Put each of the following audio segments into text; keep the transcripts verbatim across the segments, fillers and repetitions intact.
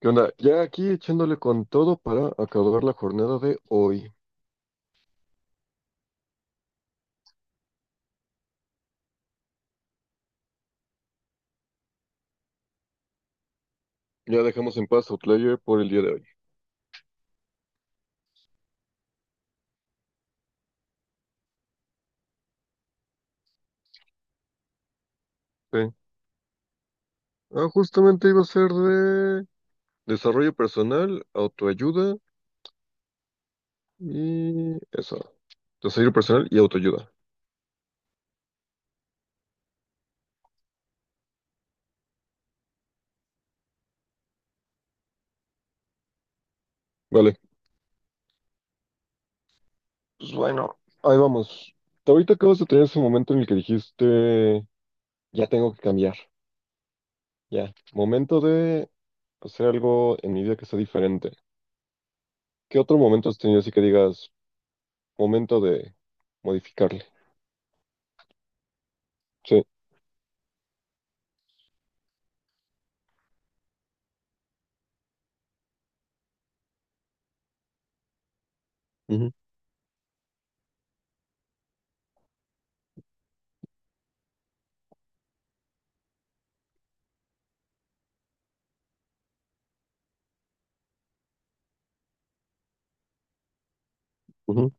¿Qué onda? Ya aquí echándole con todo para acabar la jornada de hoy. Ya dejamos en paz Outlier por el día de hoy. Sí. Ah, justamente iba a ser de desarrollo personal, autoayuda y eso. Desarrollo personal y autoayuda. Vale. Pues bueno, ahí vamos. Te- Ahorita acabas de tener ese momento en el que dijiste, ya tengo que cambiar. Ya. Momento de hacer algo en mi vida que sea diferente. ¿Qué otro momento has tenido así que digas, momento de modificarle? Sí. Ujú.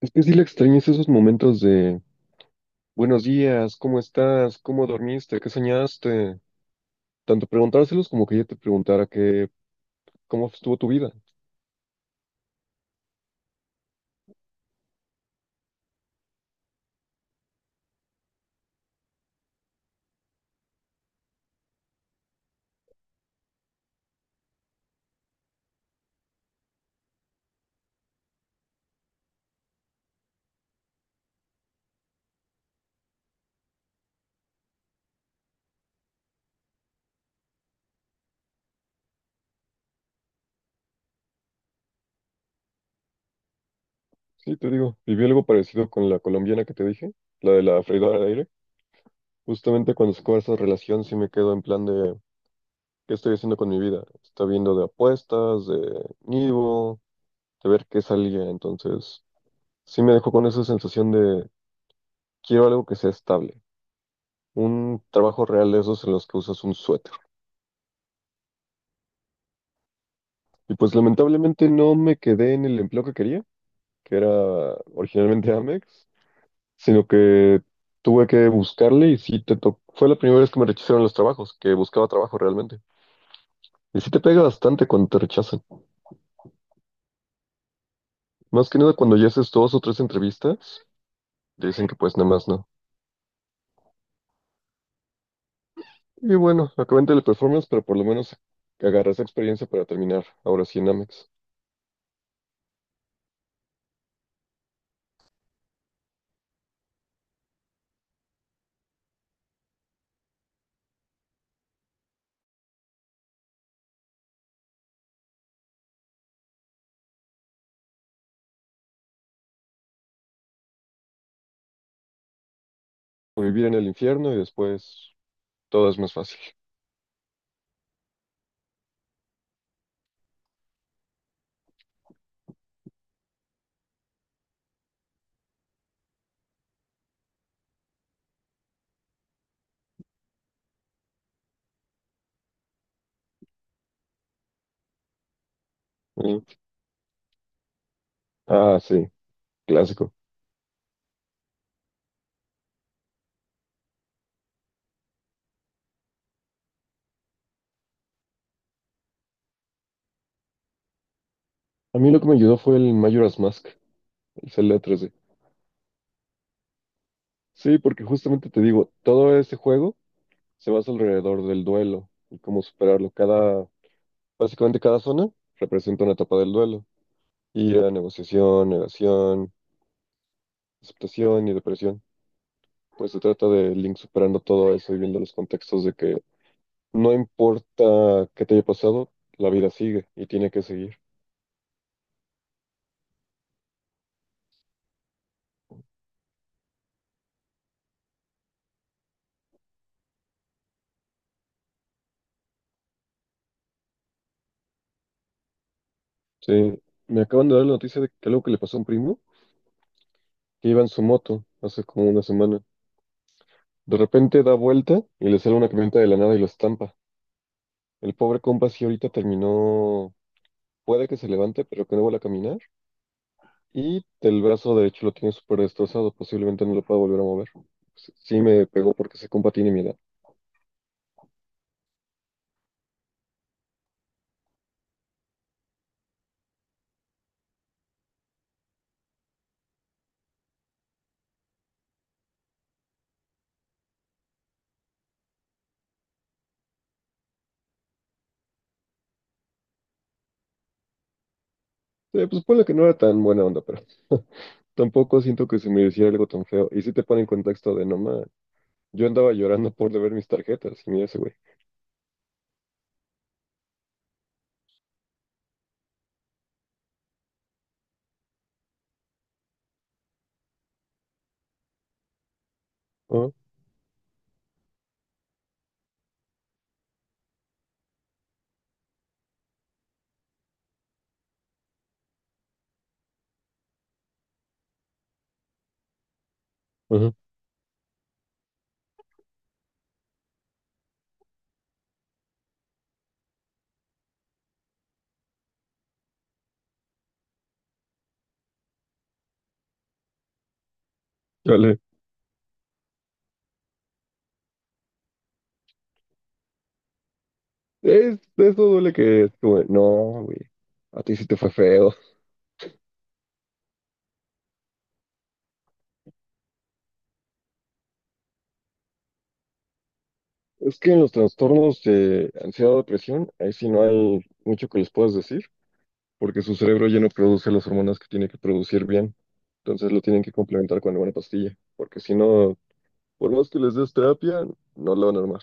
Es que sí le extrañas esos momentos de buenos días, ¿cómo estás? ¿Cómo dormiste? ¿Qué soñaste? Tanto preguntárselos como que ella te preguntara que, ¿cómo estuvo tu vida? Sí, te digo, viví algo parecido con la colombiana que te dije, la de la freidora de aire. Justamente cuando se acaba esa relación sí me quedo en plan de, ¿qué estoy haciendo con mi vida? Está viendo de apuestas, de nido, de ver qué salía. Entonces, sí me dejó con esa sensación de, quiero algo que sea estable. Un trabajo real de esos en los que usas un suéter. Y pues lamentablemente no me quedé en el empleo que quería, que era originalmente Amex, sino que tuve que buscarle y sí te tocó. Fue la primera vez que me rechazaron los trabajos, que buscaba trabajo realmente. Y sí te pega bastante cuando te rechazan. Más que nada cuando ya haces dos o tres entrevistas, te dicen que pues nada más no. Y bueno, acabé en teleperformance, pero por lo menos agarré esa experiencia para terminar ahora sí en Amex. O vivir en el infierno y después todo es más fácil. Mm. Ah, sí, clásico. A mí lo que me ayudó fue el Majora's Mask. Es el otro, sí. Sí, porque justamente te digo, todo ese juego se basa alrededor del duelo y cómo superarlo. Cada, básicamente cada zona representa una etapa del duelo. Ira, negociación, negación, aceptación y depresión. Pues se trata de Link superando todo eso y viendo los contextos de que no importa qué te haya pasado, la vida sigue y tiene que seguir. Sí, me acaban de dar la noticia de que algo que le pasó a un primo que iba en su moto hace como una semana. De repente da vuelta y le sale una camioneta de la nada y lo estampa. El pobre compa sí ahorita terminó, puede que se levante, pero que no vuelva a caminar. Y el brazo derecho lo tiene súper destrozado, posiblemente no lo pueda volver a mover. Sí sí me pegó porque ese compa tiene mi edad. Eh, pues ponle que no era tan buena onda, pero tampoco siento que se me hiciera algo tan feo. Y si te pone en contexto de no ma, yo andaba llorando por deber mis tarjetas y mira ese güey. Ah, ajá, chale. Es, eso duele que es como, no, güey, a ti sí te fue feo. Es que en los trastornos de ansiedad o depresión, ahí sí no hay mucho que les puedas decir, porque su cerebro ya no produce las hormonas que tiene que producir bien. Entonces lo tienen que complementar con alguna pastilla, porque si no, por más que les des terapia, no la van a armar.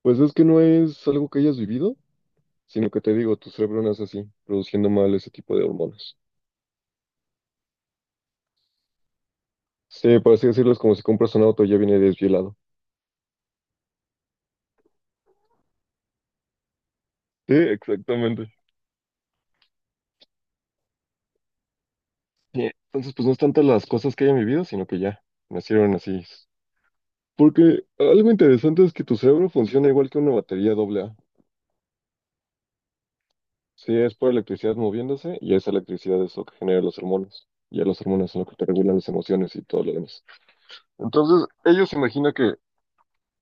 Pues es que no es algo que hayas vivido, sino que te digo, tu cerebro nace así, produciendo mal ese tipo de hormonas. Sí, por así decirlo, es como si compras un auto y ya viene desvielado. Sí, exactamente. Sí, entonces, pues no es tanto las cosas que hayan vivido, sino que ya nacieron así. Porque algo interesante es que tu cerebro funciona igual que una batería doble A. Sí, es por electricidad moviéndose y esa electricidad es lo que genera los hormonas. Ya los hormonas son lo que te regulan las emociones y todo lo demás. Entonces, ellos imaginan que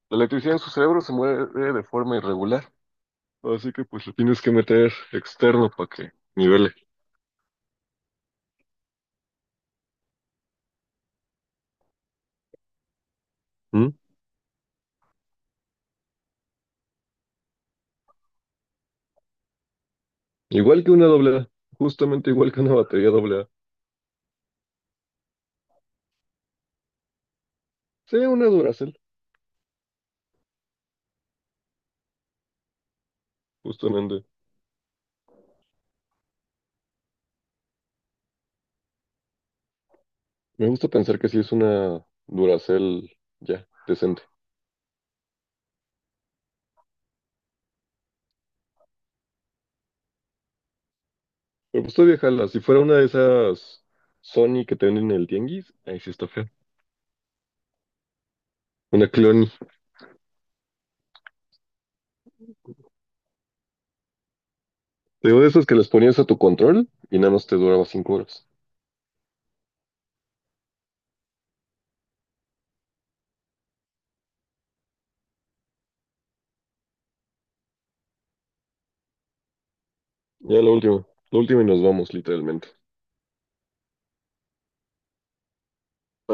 la electricidad en su cerebro se mueve de forma irregular. Así que pues lo tienes que meter externo para que nivele. ¿Mm? Igual que una doble A. Justamente igual que una batería doble A. Sí, una Duracell, justamente. Me gusta pensar que sí es una Duracell ya, decente. Me gustó viajarla. Si fuera una de esas Sony que te venden en el tianguis, ahí sí está feo. Una Clony. Digo, de esas que les ponías a tu control y nada más te duraba cinco horas. Ya la última la última y nos vamos, literalmente.